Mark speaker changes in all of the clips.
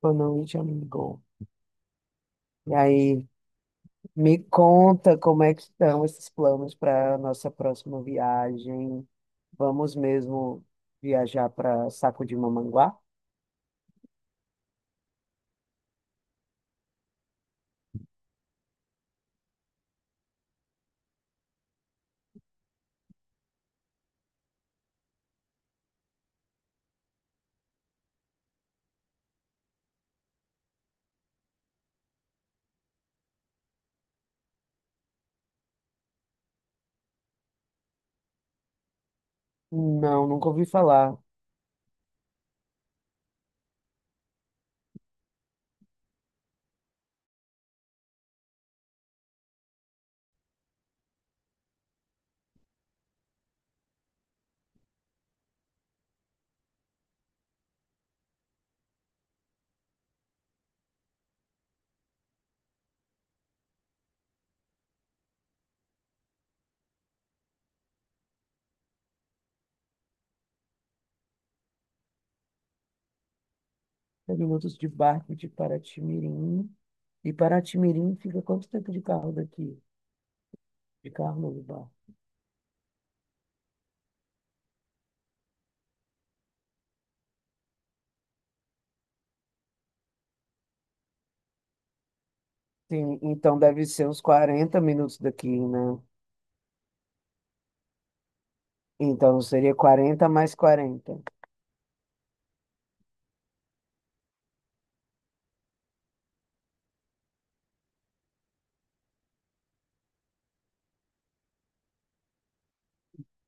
Speaker 1: Boa noite, amigo. E aí, me conta como é que estão esses planos para a nossa próxima viagem. Vamos mesmo viajar para Saco de Mamanguá? Não, nunca ouvi falar. É minutos de barco de Paraty-Mirim. E Paraty-Mirim fica quanto tempo de carro daqui? De carro no lugar? Sim, então deve ser uns 40 minutos daqui, né? Então seria quarenta mais quarenta.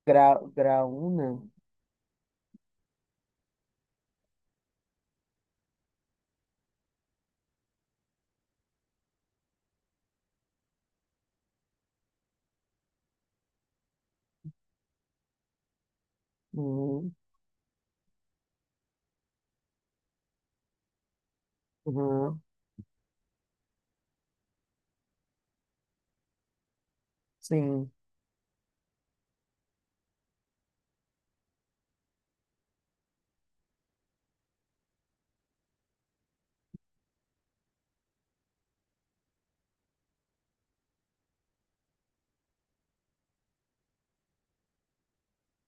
Speaker 1: Grau 1, né? Uhum. Uhum. Sim.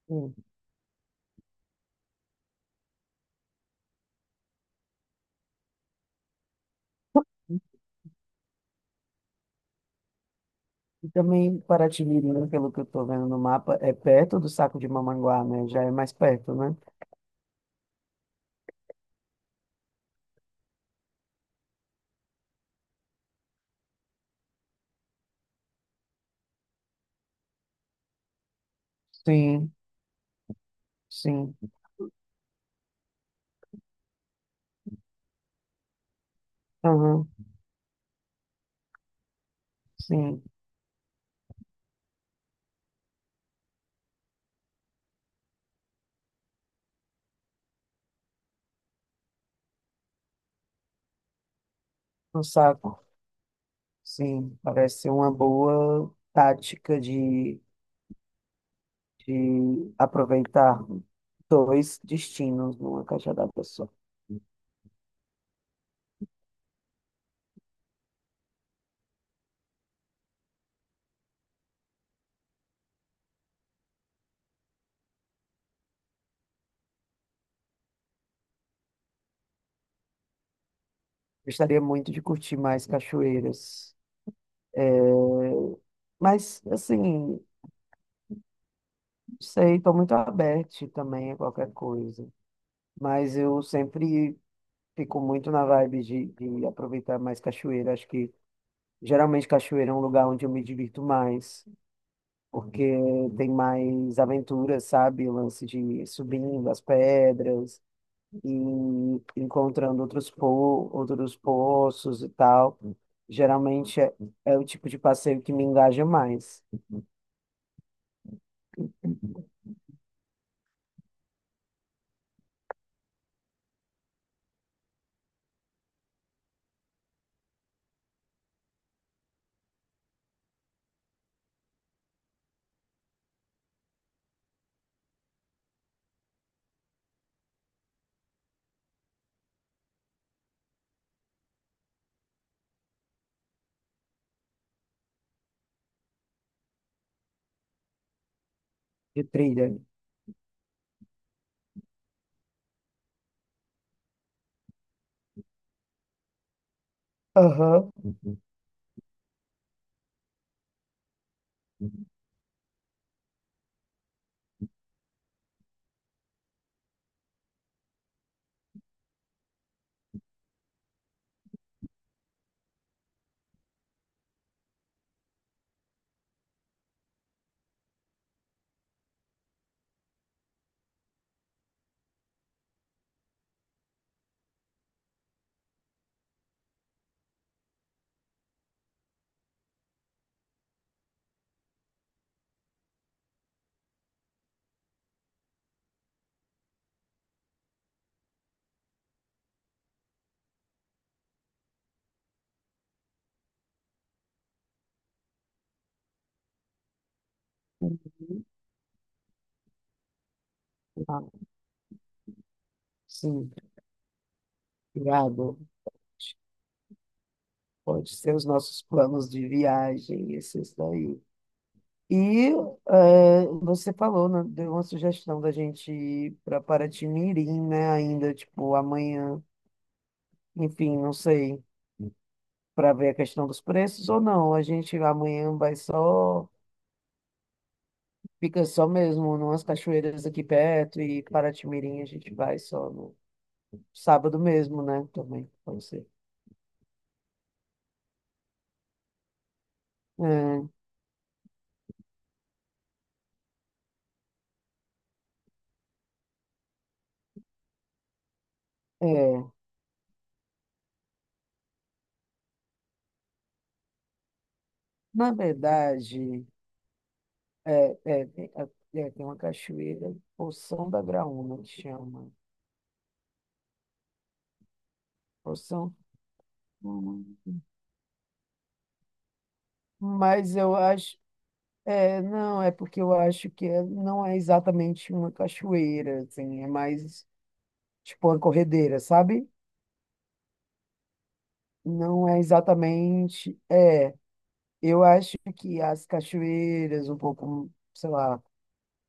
Speaker 1: Sim. E também Paraty-Mirim, pelo que eu estou vendo no mapa, é perto do Saco de Mamanguá, né? Já é mais perto, né? Sim, sim. Aham, sim. No saco. Sim, parece ser uma boa tática de aproveitar dois destinos numa caixa d'água só. Gostaria muito de curtir mais cachoeiras. Mas, assim, não sei, estou muito aberto também a qualquer coisa. Mas eu sempre fico muito na vibe de aproveitar mais cachoeira. Acho que geralmente cachoeira é um lugar onde eu me divirto mais, porque tem mais aventuras, sabe? O lance de ir subindo as pedras e encontrando outros poços e tal. Geralmente é o tipo de passeio que me engaja mais, de trilha. Aham. Ah, sim, obrigado. Pode ser os nossos planos de viagem, esses daí. E é, você falou, né, deu uma sugestão da gente ir para Paraty-Mirim, né? Ainda, tipo, amanhã, enfim, não sei, para ver a questão dos preços ou não. A gente amanhã vai só, fica só mesmo numas cachoeiras aqui perto, e Paraty-Mirim a gente vai só no sábado mesmo, né? Também, pode ser. É, é, Na verdade, é, é, é, é, tem uma cachoeira, Poção da Graúna, que chama. Poção. Hum. Mas eu acho, é, não, é porque eu acho que não é exatamente uma cachoeira, assim, é mais tipo uma corredeira, sabe? Não é exatamente, é, eu acho que as cachoeiras um pouco, sei lá, um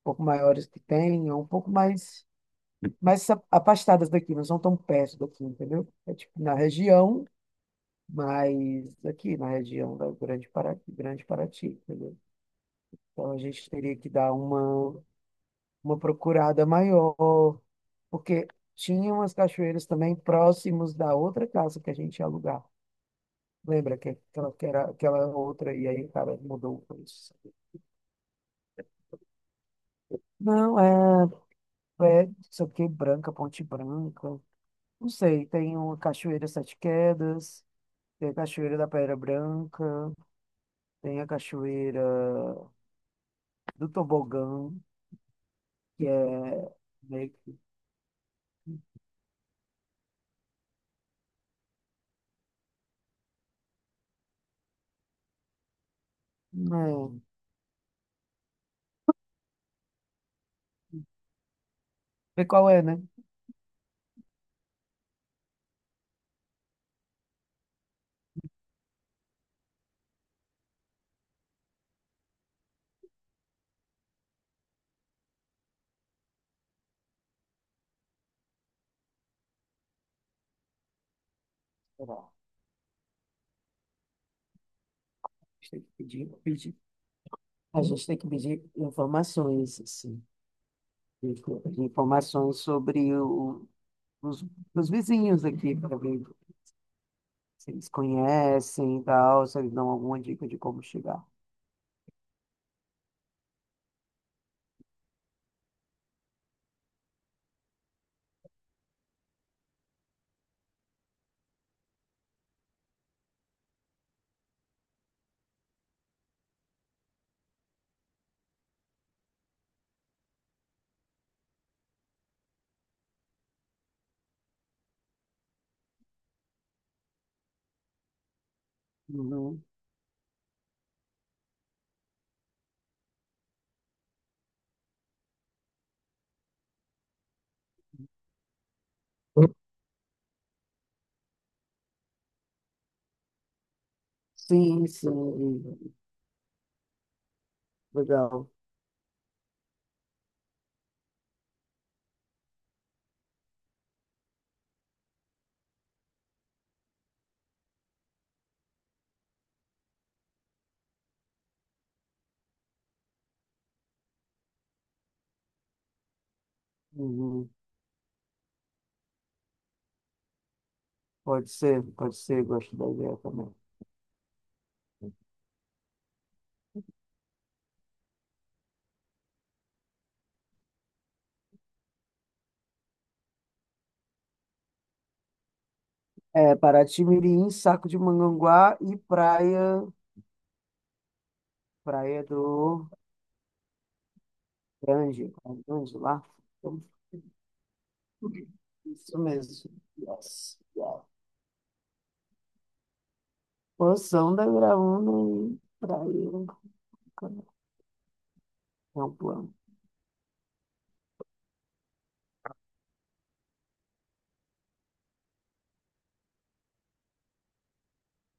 Speaker 1: pouco maiores que tem, é um pouco mais, mais afastadas daqui, não são tão perto daqui, entendeu? É tipo na região, mas aqui na região da Grande Paraty, entendeu? Então a gente teria que dar uma procurada maior, porque tinha umas cachoeiras também próximos da outra casa que a gente ia alugar. Lembra que aquela, que era aquela outra, e aí o cara mudou isso. Não, é, é, não sei o que, Ponte Branca. Não sei, tem uma Cachoeira Sete Quedas, tem a Cachoeira da Pedra Branca, tem a Cachoeira do Tobogã, que é meio que. Não, vê qual é, né? Sei lá, tem que pedir, pedir. A gente tem que pedir informações, assim, informações sobre os, os vizinhos aqui, para ver se eles conhecem e tal, se eles dão alguma dica de como chegar. Uhum. Sim, sim, legal. Uhum. Pode ser, gosto da ideia também. É, Paraty-Mirim, Saco de Manganguá e Praia, Praia do Grande, Grande lá. Então, isso mesmo. Yes, yes. Poção da Graúna e praia. É um plano.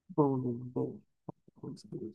Speaker 1: Bom, bom, bom. Vamos ver.